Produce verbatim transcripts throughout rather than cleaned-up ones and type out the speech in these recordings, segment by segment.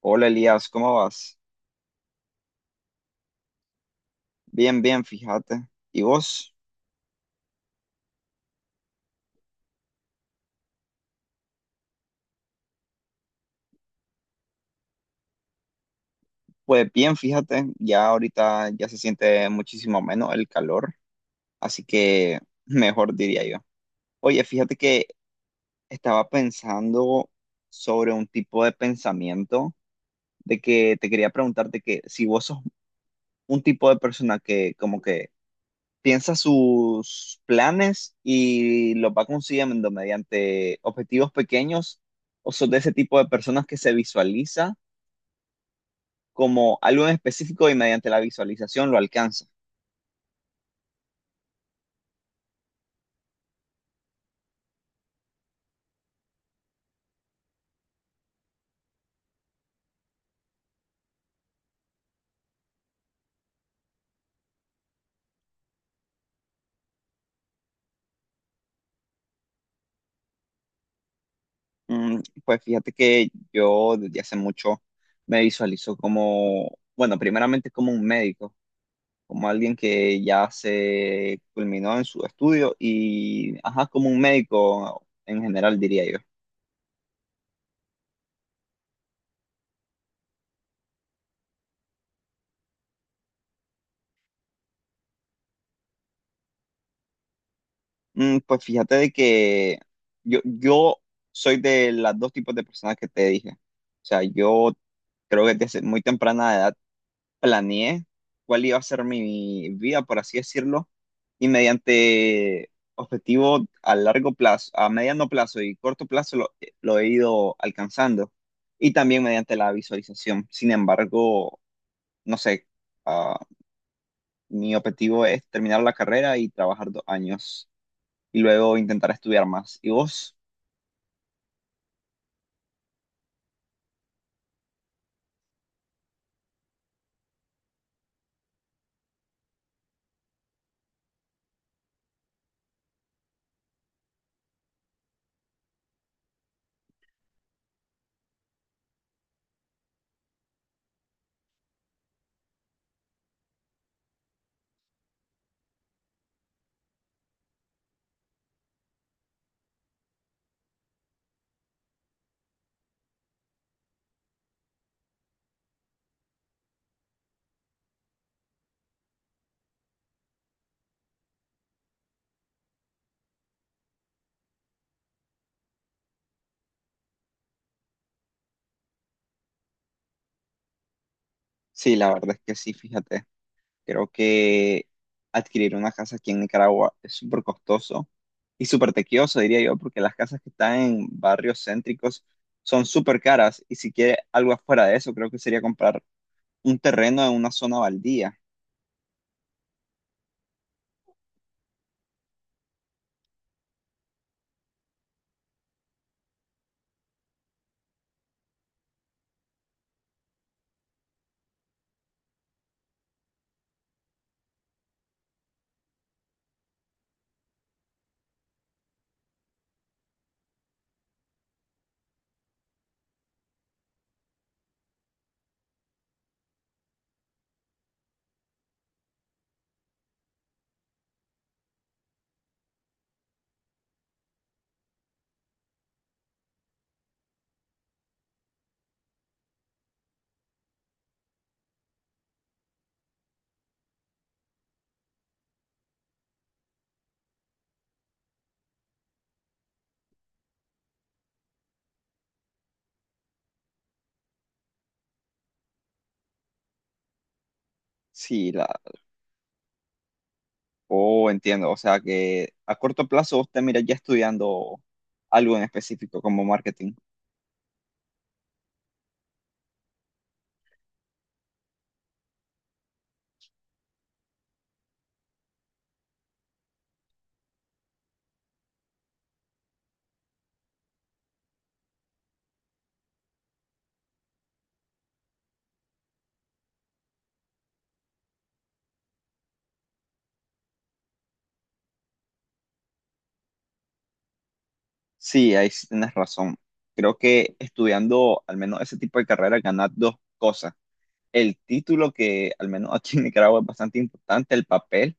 Hola Elías, ¿cómo vas? Bien, bien, fíjate. ¿Y vos? Pues bien, fíjate, ya ahorita ya se siente muchísimo menos el calor, así que mejor diría yo. Oye, fíjate que estaba pensando sobre un tipo de pensamiento de que te quería preguntarte que si vos sos un tipo de persona que como que piensa sus planes y los va consiguiendo mediante objetivos pequeños, o sos de ese tipo de personas que se visualiza como algo en específico y mediante la visualización lo alcanza. Mm, Pues fíjate que yo desde hace mucho me visualizo como, bueno, primeramente como un médico, como alguien que ya se culminó en su estudio y, ajá, como un médico en general, diría yo. Mm, Pues fíjate de que yo, yo soy de las dos tipos de personas que te dije. O sea, yo creo que desde muy temprana edad planeé cuál iba a ser mi vida, por así decirlo, y mediante objetivos a largo plazo, a mediano plazo y corto plazo lo, eh, lo he ido alcanzando, y también mediante la visualización. Sin embargo, no sé, ah, mi objetivo es terminar la carrera y trabajar dos años, y luego intentar estudiar más. ¿Y vos? Sí, la verdad es que sí, fíjate. Creo que adquirir una casa aquí en Nicaragua es súper costoso y súper tequioso, diría yo, porque las casas que están en barrios céntricos son súper caras y si quiere algo afuera de eso, creo que sería comprar un terreno en una zona baldía. Sí, la, oh, entiendo. O sea que a corto plazo usted mira ya estudiando algo en específico como marketing. Sí, ahí sí tienes razón. Creo que estudiando al menos ese tipo de carrera ganas dos cosas. El título que al menos aquí en Nicaragua es bastante importante, el papel,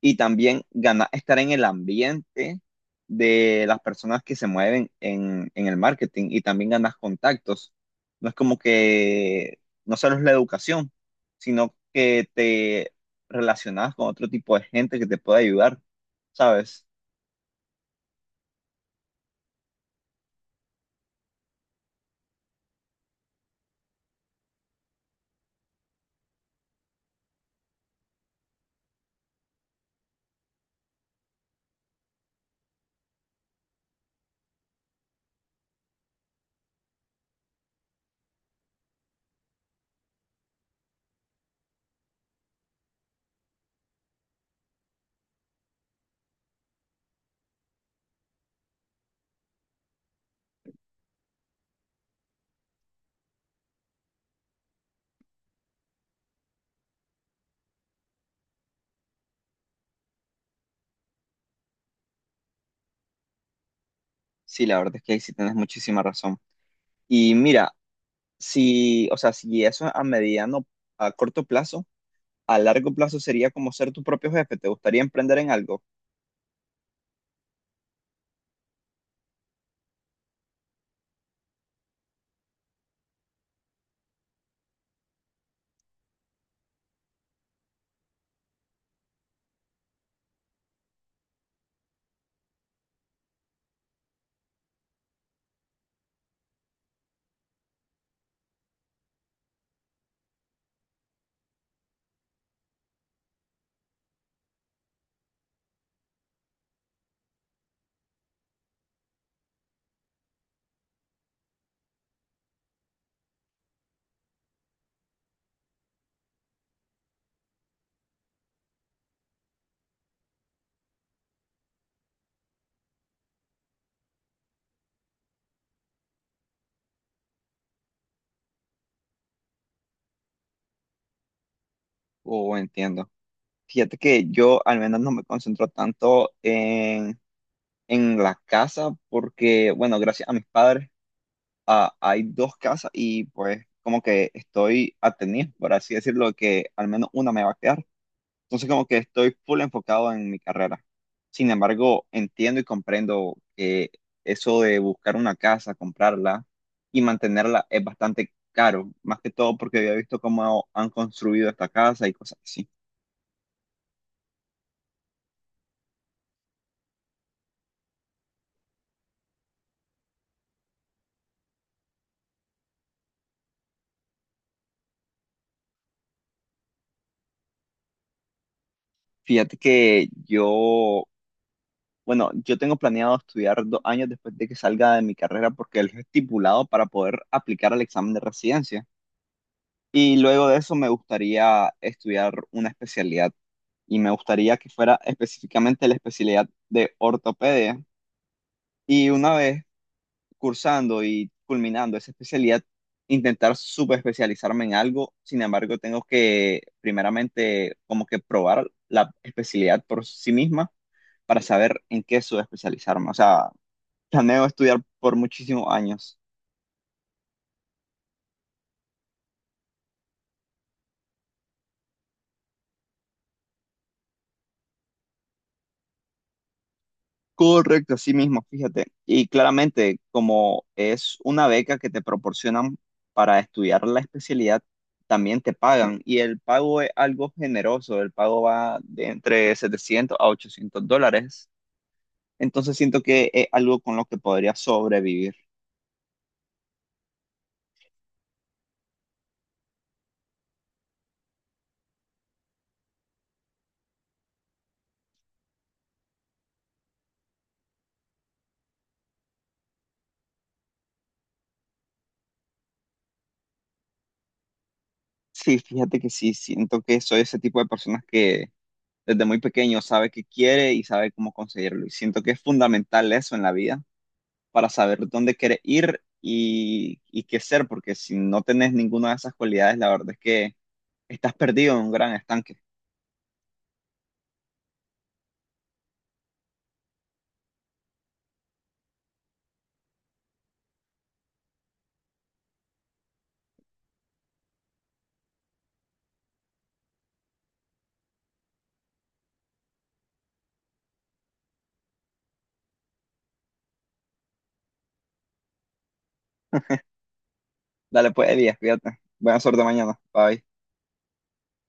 y también ganar, estar en el ambiente de las personas que se mueven en, en el marketing y también ganas contactos. No es como que no solo es la educación, sino que te relacionas con otro tipo de gente que te puede ayudar, ¿sabes? Sí, la verdad es que ahí sí tienes muchísima razón. Y mira, si, o sea, si eso a mediano, a corto plazo, a largo plazo sería como ser tu propio jefe. ¿Te gustaría emprender en algo? O entiendo. Fíjate que yo al menos no me concentro tanto en, en la casa porque, bueno, gracias a mis padres ah, hay dos casas y pues como que estoy atenido, por así decirlo, que al menos una me va a quedar. Entonces como que estoy full enfocado en mi carrera. Sin embargo, entiendo y comprendo que eso de buscar una casa, comprarla y mantenerla es bastante caro, más que todo porque había visto cómo han construido esta casa y cosas así. Fíjate que yo, bueno, yo tengo planeado estudiar dos años después de que salga de mi carrera porque es lo estipulado para poder aplicar al examen de residencia. Y luego de eso me gustaría estudiar una especialidad y me gustaría que fuera específicamente la especialidad de ortopedia. Y una vez cursando y culminando esa especialidad, intentar subespecializarme en algo. Sin embargo, tengo que primeramente como que probar la especialidad por sí misma para saber en qué subespecializarme. O sea, planeo estudiar por muchísimos años. Correcto, así mismo, fíjate. Y claramente, como es una beca que te proporcionan para estudiar la especialidad, también te pagan. Y el pago es algo generoso, el pago va de entre setecientos a ochocientos dólares. Entonces siento que es algo con lo que podría sobrevivir. Sí, fíjate que sí, siento que soy ese tipo de personas que desde muy pequeño sabe qué quiere y sabe cómo conseguirlo. Y siento que es fundamental eso en la vida para saber dónde quieres ir y, y qué ser, porque si no tenés ninguna de esas cualidades, la verdad es que estás perdido en un gran estanque. Dale pues, Elías, fíjate. Buena suerte mañana. Bye.